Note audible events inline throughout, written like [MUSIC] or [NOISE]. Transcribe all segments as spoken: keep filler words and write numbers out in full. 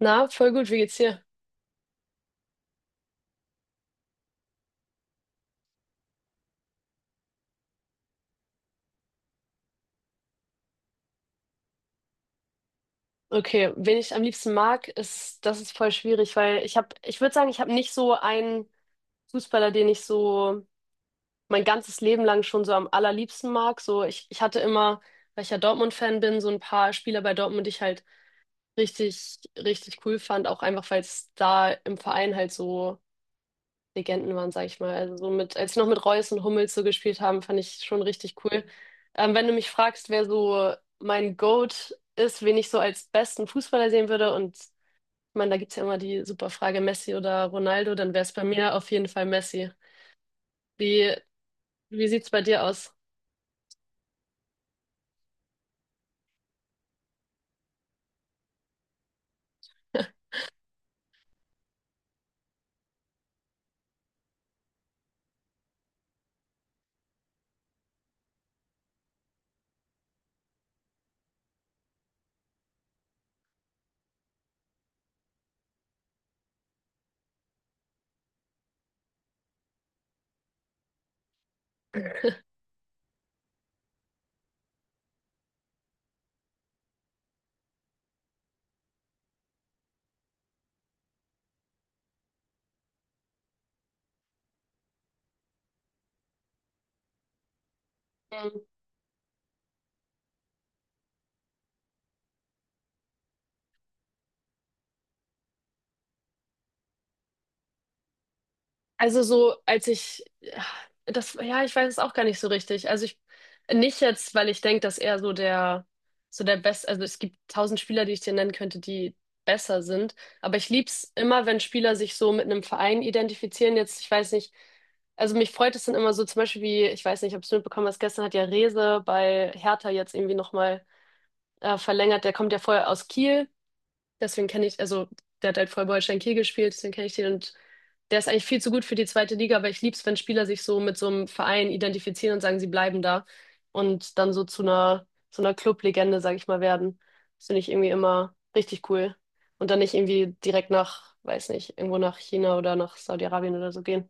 Na, voll gut, wie geht's dir? Okay, wen ich am liebsten mag, ist, das ist voll schwierig, weil ich habe, ich würde sagen, ich habe nicht so einen Fußballer, den ich so mein ganzes Leben lang schon so am allerliebsten mag. So, ich, ich hatte immer, weil ich ja Dortmund-Fan bin, so ein paar Spieler bei Dortmund, die ich halt richtig, richtig cool fand, auch einfach, weil es da im Verein halt so Legenden waren, sag ich mal. Also so mit, als sie noch mit Reus und Hummels so gespielt haben, fand ich schon richtig cool. Ähm, wenn du mich fragst, wer so mein GOAT ist, wen ich so als besten Fußballer sehen würde, und ich meine, da gibt's ja immer die super Frage, Messi oder Ronaldo, dann wäre es bei mir auf jeden Fall Messi. Wie, wie sieht's bei dir aus? [LAUGHS] Mhm. Also so, als ich, ja, das, ja, ich weiß es auch gar nicht so richtig. Also ich, nicht jetzt, weil ich denke, dass er so der, so der Beste, also es gibt tausend Spieler, die ich dir nennen könnte, die besser sind. Aber ich lieb's immer, wenn Spieler sich so mit einem Verein identifizieren. Jetzt, ich weiß nicht, also mich freut es dann immer so, zum Beispiel wie, ich weiß nicht, ob du es mitbekommen hast, gestern hat ja Reze bei Hertha jetzt irgendwie nochmal äh, verlängert. Der kommt ja vorher aus Kiel. Deswegen kenne ich, also der hat halt vor Holstein Kiel gespielt, deswegen kenne ich den und der ist eigentlich viel zu gut für die zweite Liga, aber ich lieb's, wenn Spieler sich so mit so einem Verein identifizieren und sagen, sie bleiben da und dann so zu einer, zu einer Clublegende legende sag ich mal, werden. Das finde ich irgendwie immer richtig cool. Und dann nicht irgendwie direkt nach, weiß nicht, irgendwo nach China oder nach Saudi-Arabien oder so gehen.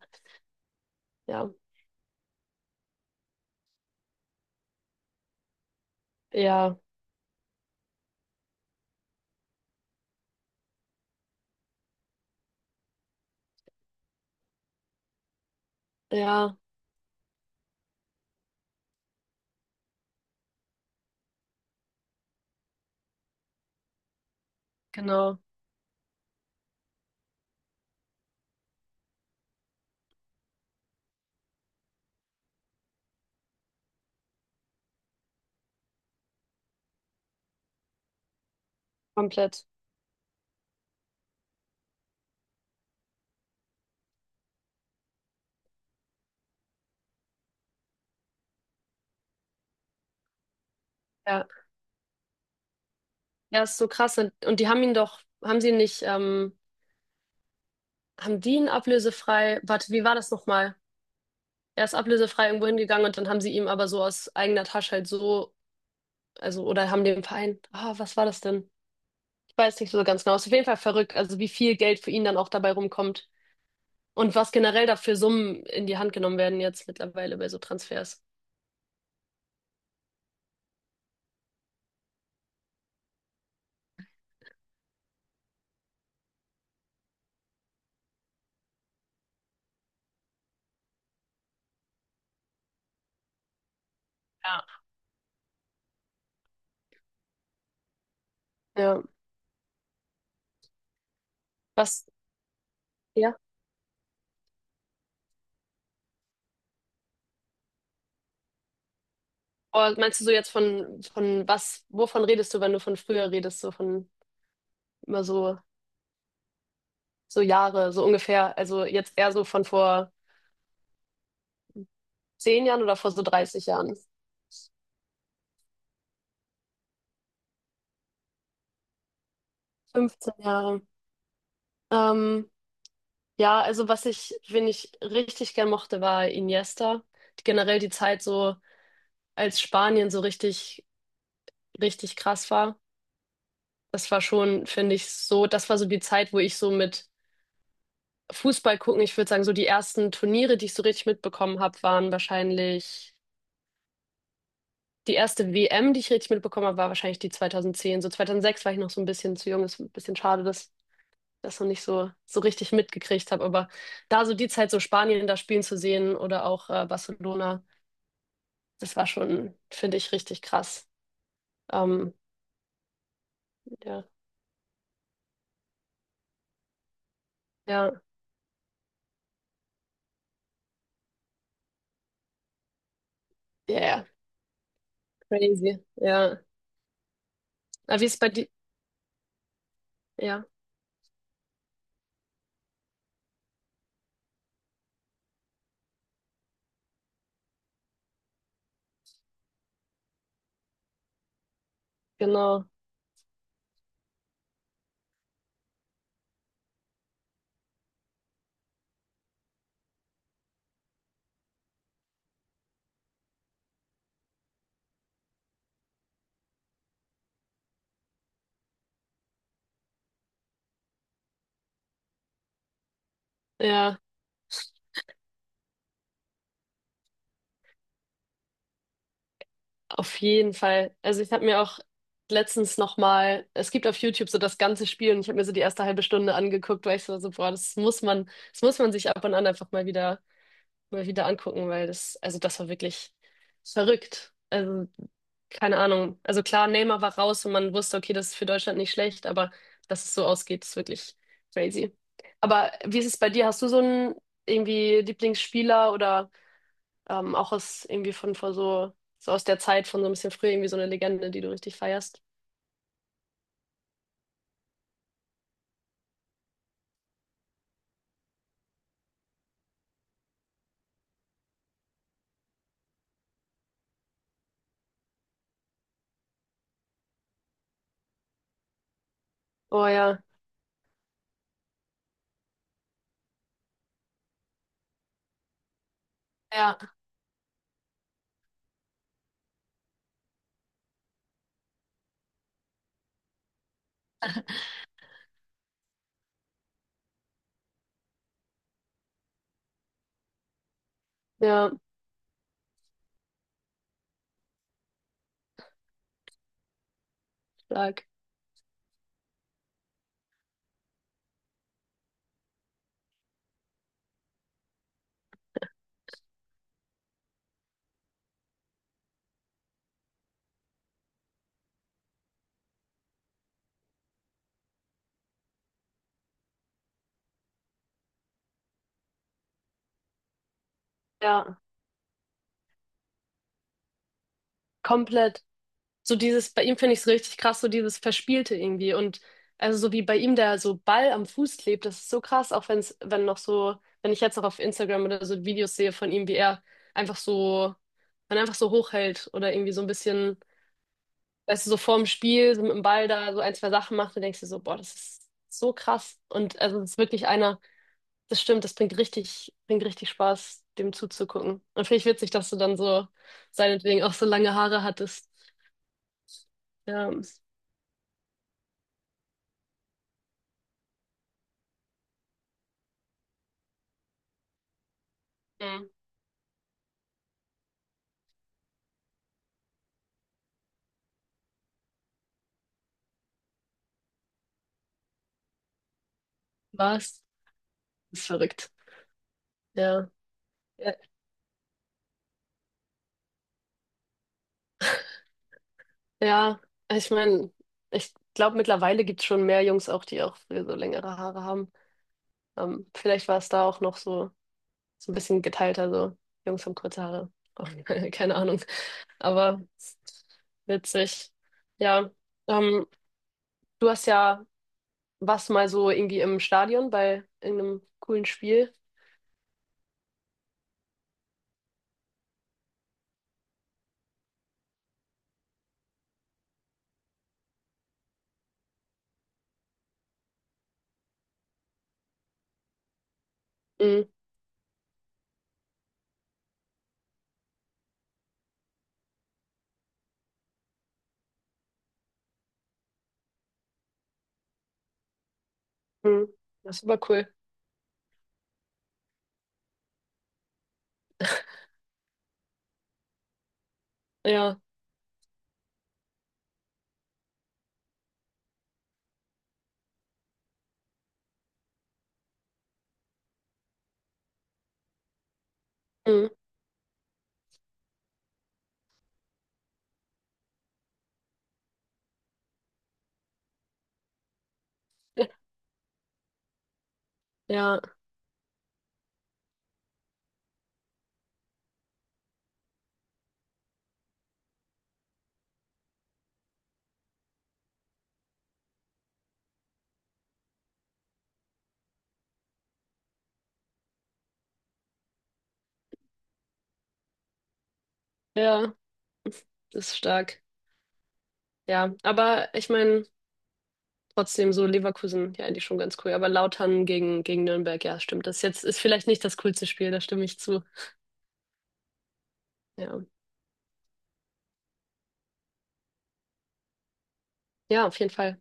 Ja, ja, ja, genau, komplett. Ja, ja, ist so krass. Und, und die haben ihn doch, haben sie ihn nicht, ähm, haben die ihn ablösefrei? Warte, wie war das nochmal? Er ist ablösefrei irgendwo hingegangen und dann haben sie ihm aber so aus eigener Tasche halt so, also, oder haben dem Verein, ah, was war das denn? Ich weiß nicht so ganz genau. Ist auf jeden Fall verrückt, also wie viel Geld für ihn dann auch dabei rumkommt und was generell da für Summen in die Hand genommen werden jetzt mittlerweile bei so Transfers. Ja. Ja, was, ja? Oder meinst du so jetzt von, von was, wovon redest du, wenn du von früher redest, so von immer so, so Jahre, so ungefähr, also jetzt eher so von vor zehn Jahren oder vor so dreißig Jahren? Fünfzehn Jahre. Ähm, Ja, also was ich, wen ich richtig gern mochte, war Iniesta. Generell die Zeit so, als Spanien so richtig, richtig krass war. Das war schon, finde ich, so, das war so die Zeit, wo ich so mit Fußball gucken, ich würde sagen, so die ersten Turniere, die ich so richtig mitbekommen habe, waren wahrscheinlich, die erste W M, die ich richtig mitbekommen habe, war wahrscheinlich die zwanzig zehn. So zwanzig null sechs war ich noch so ein bisschen zu jung, ist ein bisschen schade, dass ich das noch nicht so, so richtig mitgekriegt habe. Aber da so die Zeit, so Spanien da spielen zu sehen oder auch äh, Barcelona. Das war schon, finde ich, richtig krass. Ähm, ja, ja, ja, ja, crazy. Ja. Aber wie ist bei dir? Ja, genau. Ja, auf jeden Fall. Also ich habe mir auch letztens nochmal, es gibt auf YouTube so das ganze Spiel und ich habe mir so die erste halbe Stunde angeguckt, weil ich so, so, boah, das muss man, das muss man sich ab und an einfach mal wieder mal wieder angucken, weil das, also das war wirklich verrückt. Also, keine Ahnung. Also klar, Neymar war raus und man wusste, okay, das ist für Deutschland nicht schlecht, aber dass es so ausgeht, ist wirklich crazy. Aber wie ist es bei dir? Hast du so einen irgendwie Lieblingsspieler oder ähm, auch aus irgendwie von vor so, so aus der Zeit von so ein bisschen früher irgendwie so eine Legende, die du richtig feierst? Oh ja, ja, ja, stark. Ja, komplett. So dieses, bei ihm finde ich es richtig krass, so dieses Verspielte irgendwie. Und also so wie bei ihm der so Ball am Fuß klebt, das ist so krass, auch wenn es, wenn noch so, wenn ich jetzt noch auf Instagram oder so Videos sehe von ihm, wie er einfach so, man einfach so hochhält oder irgendwie so ein bisschen, weißt du, so vorm Spiel, so mit dem Ball da so ein, zwei Sachen macht, dann denkst du so, boah, das ist so krass. Und also es ist wirklich einer, das stimmt, das bringt richtig, bringt richtig Spaß, dem zuzugucken. Und finde ich witzig, dass du dann so seinetwegen auch so lange Haare hattest. Ja. Was? Das ist verrückt. Ja. Ja, ja. Ich meine, ich glaube, mittlerweile gibt es schon mehr Jungs auch, die auch früher so längere Haare haben. Ähm, vielleicht war es da auch noch so, so ein bisschen geteilter, so Jungs haben kurze Haare. Auch, [LAUGHS] keine Ahnung. Aber witzig. Ja. Ähm, du hast ja was mal so irgendwie im Stadion bei irgendeinem coolen Spiel. Mhm. Mhm. Das ist super cool. Ja. Mhm. Ja, ja. Das ist stark. Ja, aber ich meine, trotzdem so Leverkusen, ja, eigentlich schon ganz cool. Aber Lautern gegen, gegen Nürnberg, ja, stimmt. Das jetzt ist vielleicht nicht das coolste Spiel, da stimme ich zu. Ja, ja, auf jeden Fall.